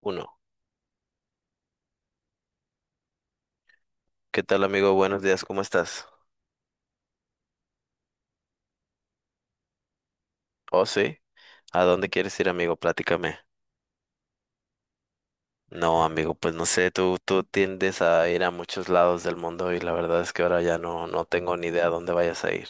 Uno. ¿Qué tal, amigo? Buenos días, ¿cómo estás? Oh, sí. ¿A dónde quieres ir, amigo? Platícame. No, amigo, pues no sé, tú tiendes a ir a muchos lados del mundo y la verdad es que ahora ya no tengo ni idea a dónde vayas a ir.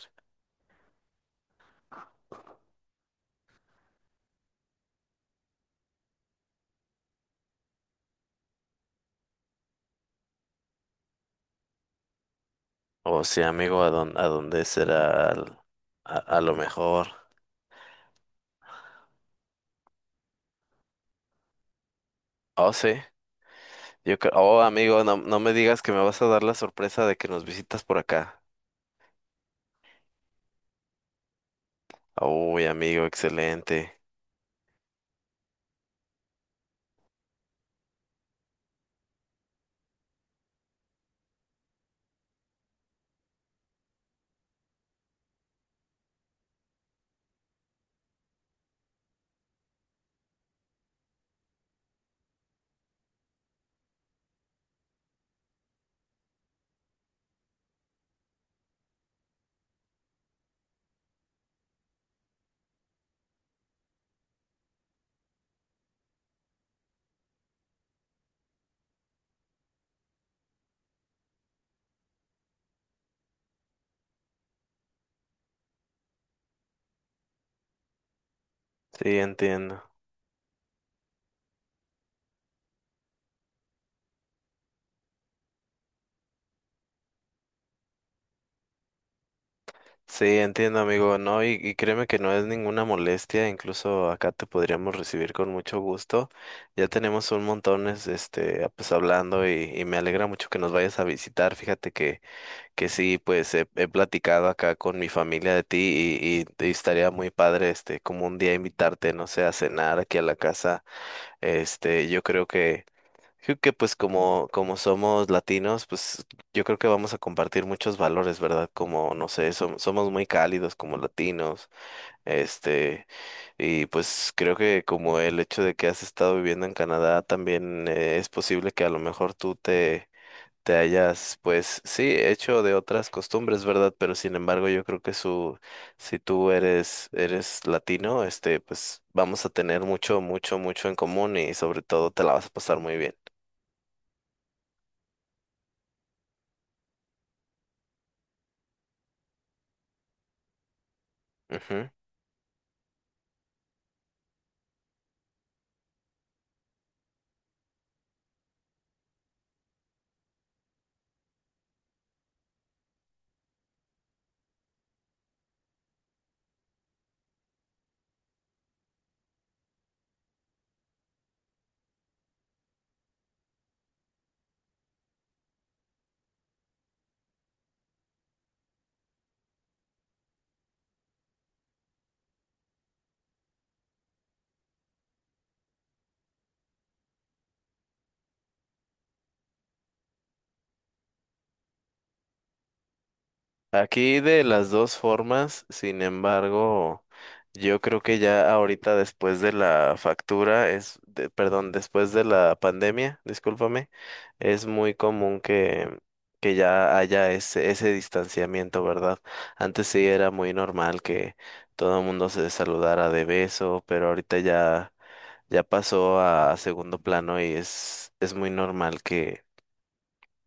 Oh, sí, amigo, ¿a dónde será a lo mejor? Oh, sí. Yo creo, oh, amigo, no me digas que me vas a dar la sorpresa de que nos visitas por acá. Uy, amigo, excelente. Sí, entiendo. Sí, entiendo, amigo. No, y créeme que no es ninguna molestia. Incluso acá te podríamos recibir con mucho gusto. Ya tenemos un montón, este, ah, pues hablando y me alegra mucho que nos vayas a visitar. Fíjate que sí, pues he platicado acá con mi familia de ti y estaría muy padre, este, como un día invitarte, no sé, a cenar aquí a la casa. Este, yo creo que Creo que pues como, como somos latinos, pues yo creo que vamos a compartir muchos valores, ¿verdad? Como, no sé, somos muy cálidos como latinos, este, y pues creo que como el hecho de que has estado viviendo en Canadá, también es posible que a lo mejor te hayas, pues sí, hecho de otras costumbres, ¿verdad? Pero sin embargo, yo creo que si tú eres latino, este, pues vamos a tener mucho en común y sobre todo te la vas a pasar muy bien. Ujú. Aquí de las dos formas, sin embargo, yo creo que ya ahorita después de la factura es, de- perdón, después de la pandemia, discúlpame, es muy común que ya haya ese distanciamiento, ¿verdad? Antes sí era muy normal que todo el mundo se saludara de beso, pero ahorita ya pasó a segundo plano y es muy normal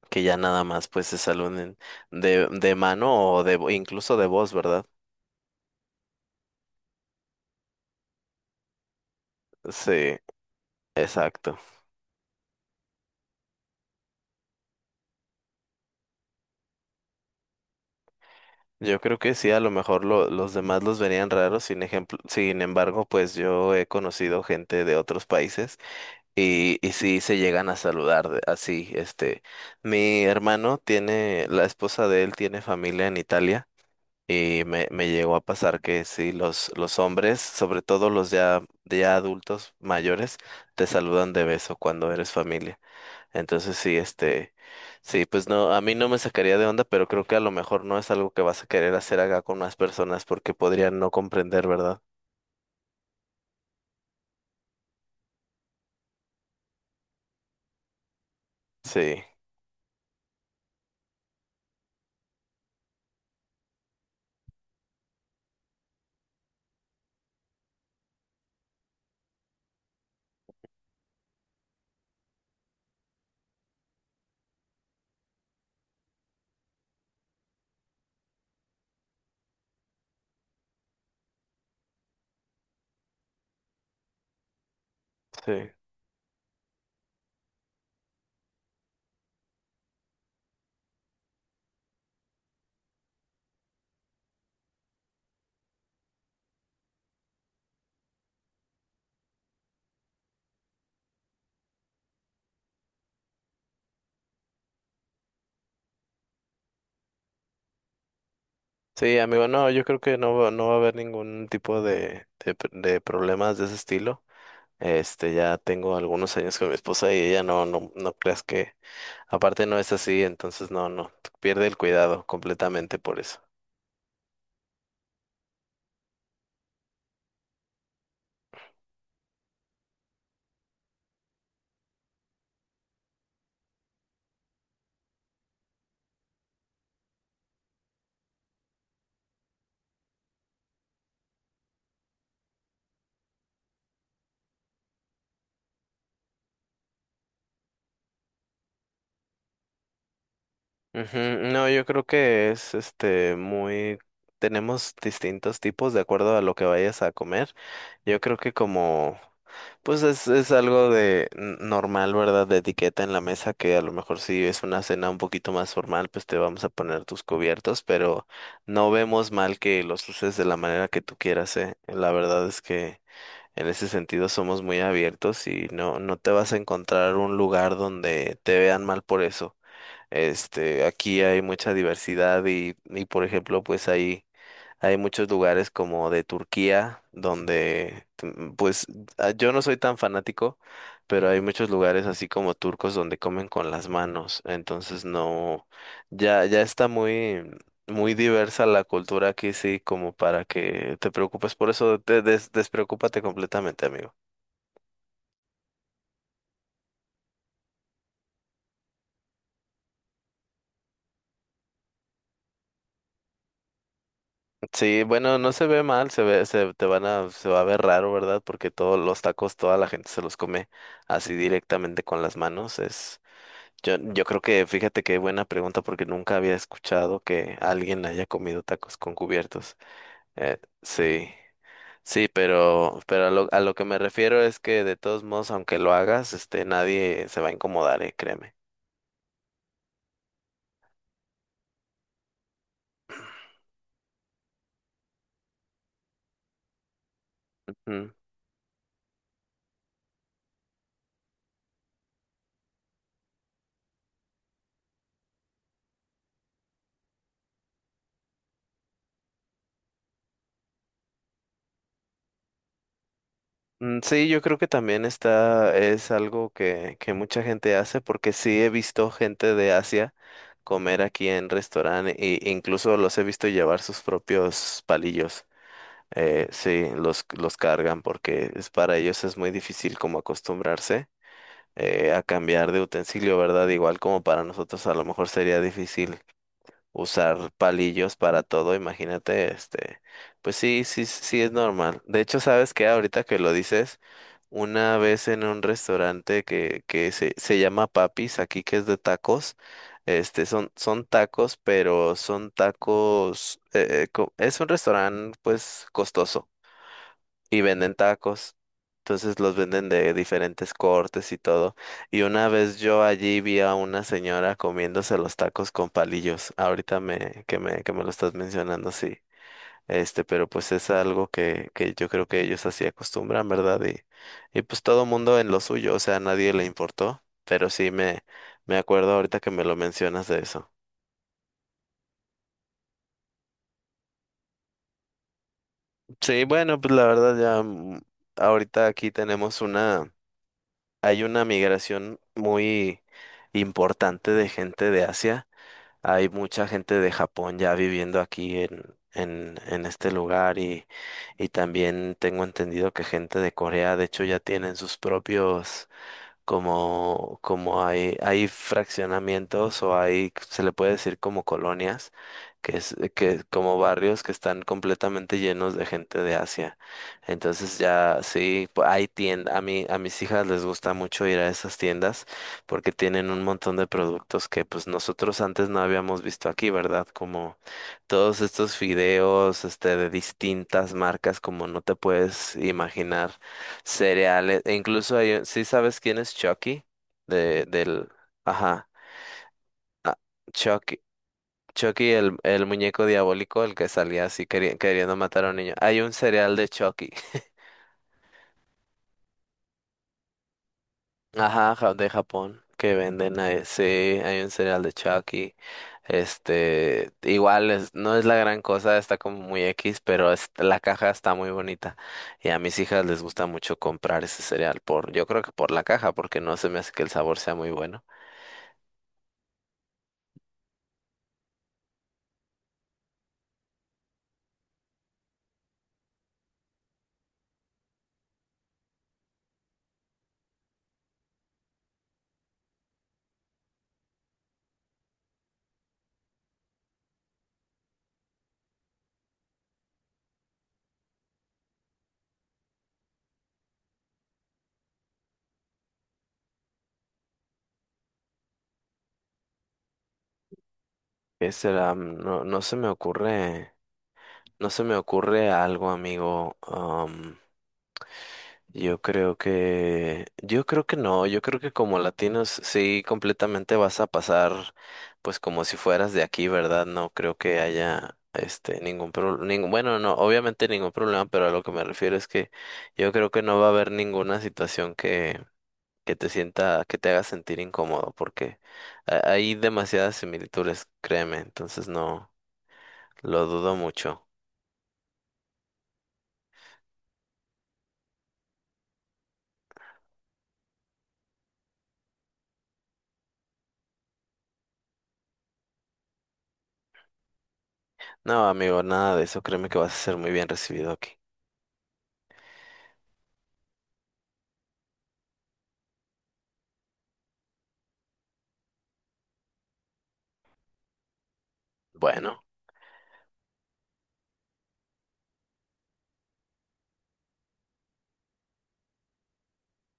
que ya nada más pues se saluden de mano o incluso de voz, ¿verdad? Sí, exacto. Yo creo que sí, a lo mejor los demás los verían raros, sin embargo, pues yo he conocido gente de otros países y sí se llegan a saludar así, este, mi hermano tiene, la esposa de él tiene familia en Italia. Y me llegó a pasar que sí, los hombres, sobre todo los ya adultos mayores, te saludan de beso cuando eres familia. Entonces sí, este, sí, pues no, a mí no me sacaría de onda, pero creo que a lo mejor no es algo que vas a querer hacer acá con más personas porque podrían no comprender, ¿verdad? Sí, sí. Sí, amigo, no, yo creo que no, no va a haber ningún tipo de problemas de ese estilo. Este, ya tengo algunos años con mi esposa y ella no creas que, aparte no es así, entonces no, no, pierde el cuidado completamente por eso. Ujú. No, yo creo que es, este, muy, tenemos distintos tipos de acuerdo a lo que vayas a comer. Yo creo que como pues es algo de normal, ¿verdad? De etiqueta en la mesa que a lo mejor si es una cena un poquito más formal, pues te vamos a poner tus cubiertos, pero no vemos mal que los uses de la manera que tú quieras, ¿eh? La verdad es que en ese sentido somos muy abiertos y no te vas a encontrar un lugar donde te vean mal por eso. Este, aquí hay mucha diversidad y por ejemplo, hay muchos lugares como de Turquía, donde, pues yo no soy tan fanático, pero hay muchos lugares así como turcos donde comen con las manos. Entonces no, ya está muy diversa la cultura aquí, sí, como para que te preocupes por eso, despreocúpate completamente, amigo. Sí, bueno, no se ve mal, se ve, se te van a, se va a ver raro, ¿verdad? Porque todos los tacos, toda la gente se los come así directamente con las manos. Es, yo creo que, fíjate qué buena pregunta, porque nunca había escuchado que alguien haya comido tacos con cubiertos. Eh, sí, sí, pero a a lo que me refiero es que de todos modos, aunque lo hagas, este, nadie se va a incomodar, créeme. Mm, sí, yo creo que también está, es algo que mucha gente hace porque sí he visto gente de Asia comer aquí en restaurante e incluso los he visto llevar sus propios palillos. Sí, los cargan porque es, para ellos es muy difícil como acostumbrarse a cambiar de utensilio, ¿verdad? Igual como para nosotros a lo mejor sería difícil usar palillos para todo, imagínate, este, pues sí es normal. De hecho, ¿sabes qué? Ahorita que lo dices, una vez en un restaurante que se llama Papis, aquí que es de tacos, este, son tacos, pero son tacos, es un restaurante, pues, costoso y venden tacos. Entonces los venden de diferentes cortes y todo. Y una vez yo allí vi a una señora comiéndose los tacos con palillos. Ahorita que me lo estás mencionando, sí. Este, pero pues es algo que yo creo que ellos así acostumbran, ¿verdad? Y pues todo mundo en lo suyo, o sea, a nadie le importó. Pero sí me acuerdo ahorita que me lo mencionas de eso. Sí, bueno, pues la verdad ya ahorita aquí tenemos una. Hay una migración muy importante de gente de Asia. Hay mucha gente de Japón ya viviendo aquí en este lugar y también tengo entendido que gente de Corea, de hecho, ya tienen sus propios como, como hay fraccionamientos o hay, se le puede decir como colonias, que es, que como barrios que están completamente llenos de gente de Asia. Entonces ya sí, hay tiendas, a mí, a mis hijas les gusta mucho ir a esas tiendas porque tienen un montón de productos que pues nosotros antes no habíamos visto aquí, ¿verdad? Como todos estos fideos, este, de distintas marcas, como no te puedes imaginar. Cereales. E incluso hay, ¿sí sabes quién es Chucky? De, del, ajá, Chucky. Chucky, el muñeco diabólico, el que salía así queriendo matar a un niño. Hay un cereal de Chucky. Ajá, de Japón, que venden ahí. Sí, hay un cereal de Chucky. Este, no es la gran cosa, está como muy X, la caja está muy bonita. Y a mis hijas les gusta mucho comprar ese cereal por, yo creo que por la caja, porque no se me hace que el sabor sea muy bueno. ¿Qué será? Mm, no, no se me ocurre, no se me ocurre algo, amigo. Am, yo creo que no, yo creo que como latinos sí completamente vas a pasar, pues como si fueras de aquí, ¿verdad? No creo que haya, este, ningún problema, ningún, bueno, no, obviamente ningún problema, pero a lo que me refiero es que yo creo que no va a haber ninguna situación que te sienta, que te haga sentir incómodo, porque hay demasiadas similitudes, créeme, entonces no. Lo dudo mucho. No, amigo, nada de eso. Créeme que vas a ser muy bien recibido aquí. Bueno,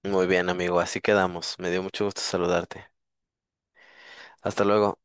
muy bien, amigo. Así quedamos. Me dio mucho gusto saludarte. Hasta luego.